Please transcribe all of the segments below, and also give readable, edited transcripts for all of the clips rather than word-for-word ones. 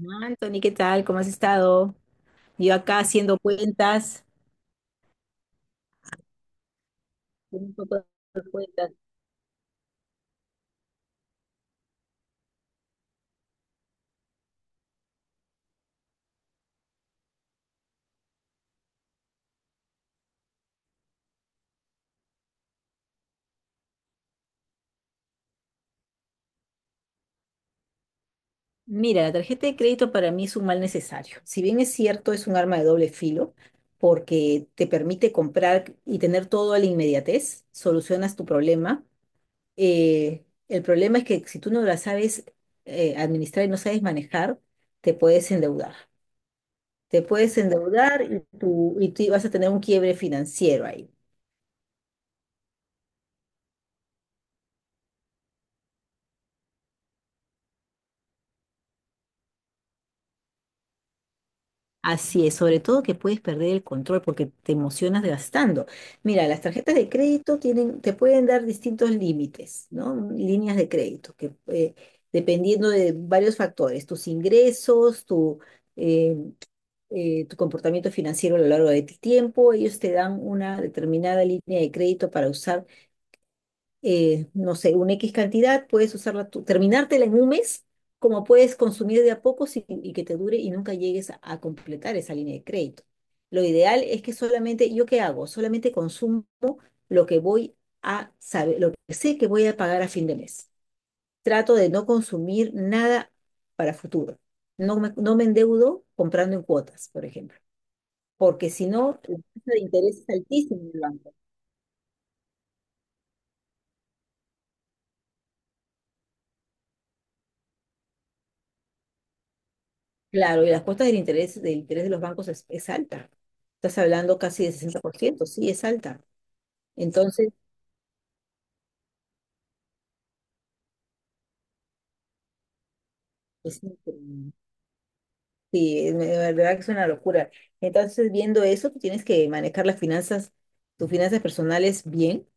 Hola, Anthony, ¿qué tal? ¿Cómo has estado? Yo acá haciendo un poco de cuentas. Mira, la tarjeta de crédito para mí es un mal necesario. Si bien es cierto, es un arma de doble filo porque te permite comprar y tener todo a la inmediatez, solucionas tu problema. El problema es que si tú no la sabes administrar y no sabes manejar, te puedes endeudar. Te puedes endeudar y tú vas a tener un quiebre financiero ahí. Así es, sobre todo que puedes perder el control porque te emocionas gastando. Mira, las tarjetas de crédito te pueden dar distintos límites, ¿no? Líneas de crédito, que dependiendo de varios factores, tus ingresos, eh, tu comportamiento financiero a lo largo de tu tiempo, ellos te dan una determinada línea de crédito para usar no sé, una X cantidad, puedes usarla tú, terminártela en un mes, como puedes consumir de a pocos y que te dure y nunca llegues a completar esa línea de crédito. Lo ideal es que solamente, ¿yo qué hago? Solamente consumo lo que voy lo que sé que voy a pagar a fin de mes. Trato de no consumir nada para futuro. No me endeudo comprando en cuotas, por ejemplo, porque si no, la tasa de interés es altísima. Claro, y las cuotas del interés de los bancos es alta. Estás hablando casi de 60%, sí, es alta. Entonces, es increíble. Sí, de verdad que es una locura. Entonces, viendo eso, tú tienes que manejar tus finanzas personales bien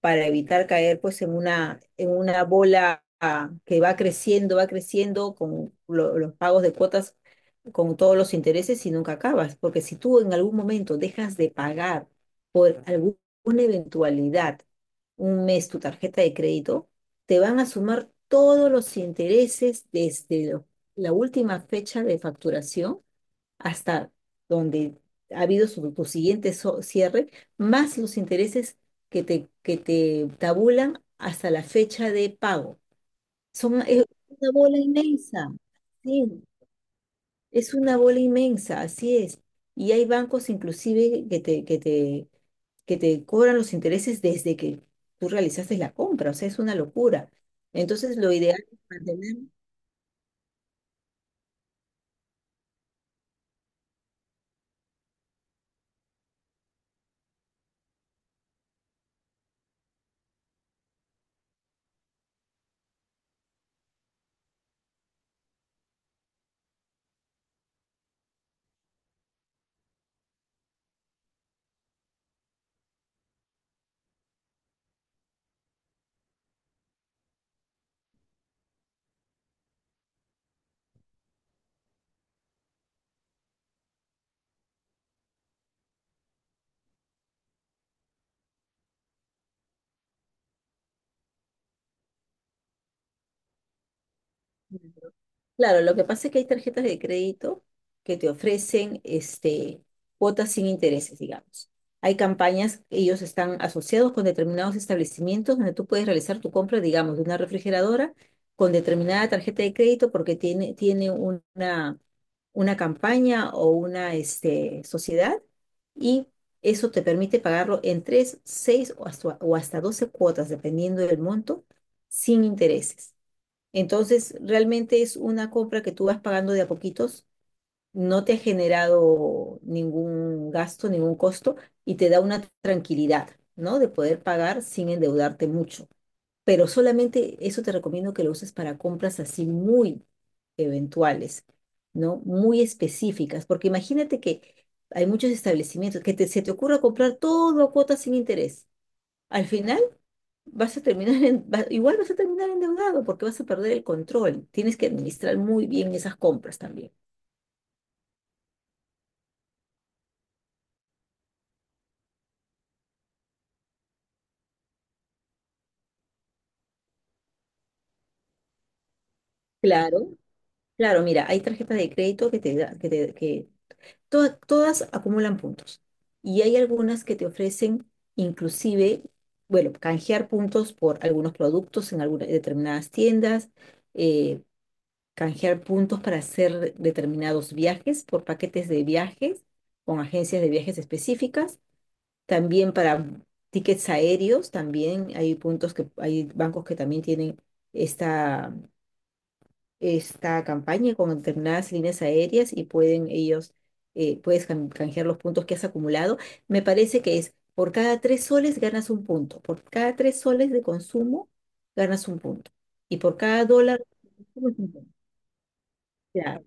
para evitar caer pues en una bola que va creciendo con los pagos de cuotas, con todos los intereses y nunca acabas, porque si tú en algún momento dejas de pagar por alguna eventualidad un mes tu tarjeta de crédito, te van a sumar todos los intereses desde la última fecha de facturación hasta donde ha habido tu siguiente cierre, más los intereses que te tabulan hasta la fecha de pago. Es una bola inmensa, sí, es una bola inmensa, así es. Y hay bancos inclusive que te cobran los intereses desde que tú realizaste la compra, o sea, es una locura. Entonces, lo ideal es mantener. Claro, lo que pasa es que hay tarjetas de crédito que te ofrecen cuotas sin intereses, digamos. Hay campañas, ellos están asociados con determinados establecimientos donde tú puedes realizar tu compra, digamos, de una refrigeradora con determinada tarjeta de crédito porque tiene una campaña o una sociedad y eso te permite pagarlo en tres, seis o hasta 12 cuotas, dependiendo del monto, sin intereses. Entonces, realmente es una compra que tú vas pagando de a poquitos, no te ha generado ningún gasto, ningún costo y te da una tranquilidad, ¿no? De poder pagar sin endeudarte mucho. Pero solamente eso te recomiendo que lo uses para compras así muy eventuales, ¿no? Muy específicas, porque imagínate que hay muchos establecimientos que se te ocurra comprar todo a cuotas sin interés. Al final vas a terminar igual vas a terminar endeudado porque vas a perder el control. Tienes que administrar muy bien esas compras también. Claro. Claro, mira, hay tarjetas de crédito que te da- que te- que to- todas acumulan puntos. Y hay algunas que te ofrecen inclusive, bueno, canjear puntos por algunos productos en algunas determinadas tiendas, eh, canjear puntos para hacer determinados viajes por paquetes de viajes con agencias de viajes específicas. También para tickets aéreos, también hay puntos que hay bancos que también tienen esta, esta campaña con determinadas líneas aéreas y pueden ellos, puedes can- canjear los puntos que has acumulado. Me parece que es por cada 3 soles ganas un punto, por cada 3 soles de consumo ganas un punto y por cada dólar. Claro,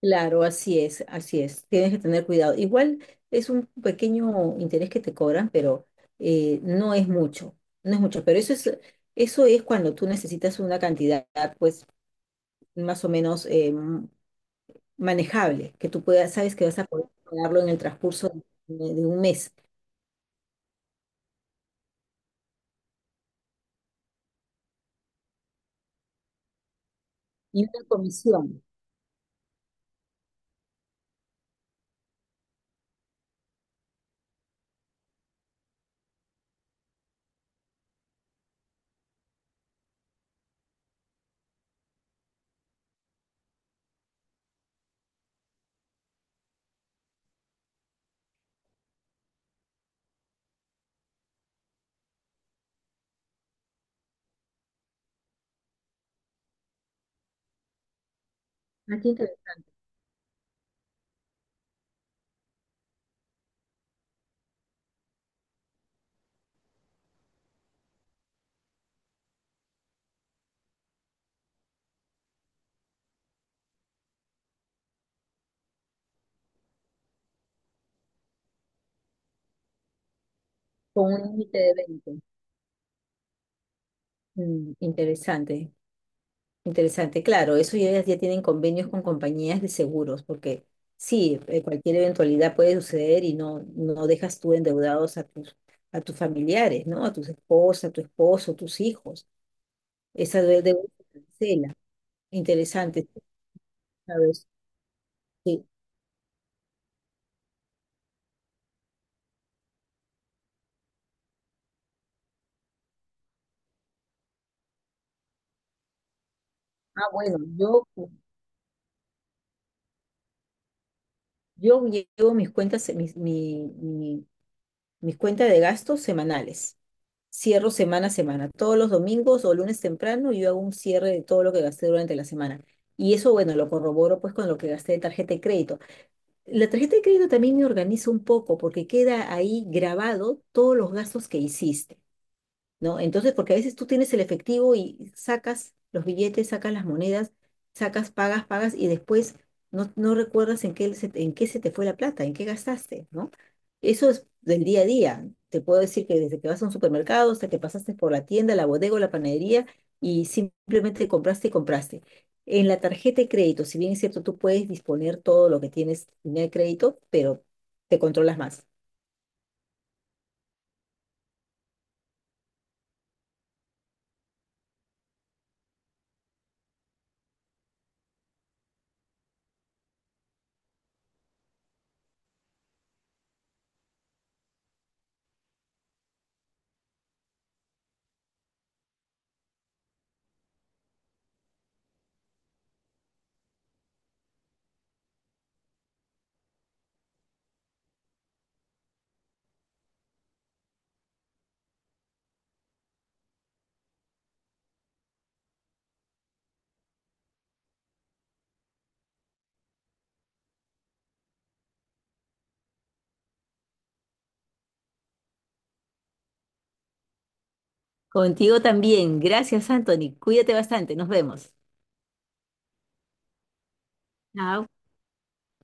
claro, así es, así es. Tienes que tener cuidado. Igual es un pequeño interés que te cobran, pero no es mucho, no es mucho. Pero eso es cuando tú necesitas una cantidad, pues, más o menos manejable, sabes que vas a poder pagarlo en el transcurso de un mes. Y una comisión, aquí te- con un límite de 20. Interesante. Interesante, claro, eso ya tienen convenios con compañías de seguros, porque sí, cualquier eventualidad puede suceder y no dejas tú endeudados a tus familiares, ¿no? A tus esposas, a tu esposo, tus hijos. Esa deuda se cancela. Interesante, sí, ¿sabes? Sí. Ah, bueno, yo llevo mis cuentas. Mi cuenta de gastos semanales. Cierro semana a semana. Todos los domingos o lunes temprano yo hago un cierre de todo lo que gasté durante la semana. Y eso, bueno, lo corroboro pues con lo que gasté de tarjeta de crédito. La tarjeta de crédito también me organiza un poco porque queda ahí grabado todos los gastos que hiciste, ¿no? Entonces, porque a veces tú tienes el efectivo y sacas los billetes, sacas las monedas, sacas, pagas, pagas y después no recuerdas en qué, en qué se te fue la plata, en qué gastaste, ¿no? Eso es del día a día. Te puedo decir que desde que vas a un supermercado hasta que pasaste por la tienda, la bodega o la panadería y simplemente compraste y compraste. En la tarjeta de crédito, si bien es cierto, tú puedes disponer todo lo que tienes en el crédito, pero te controlas más. Contigo también. Gracias, Anthony. Cuídate bastante. Nos vemos. Chao.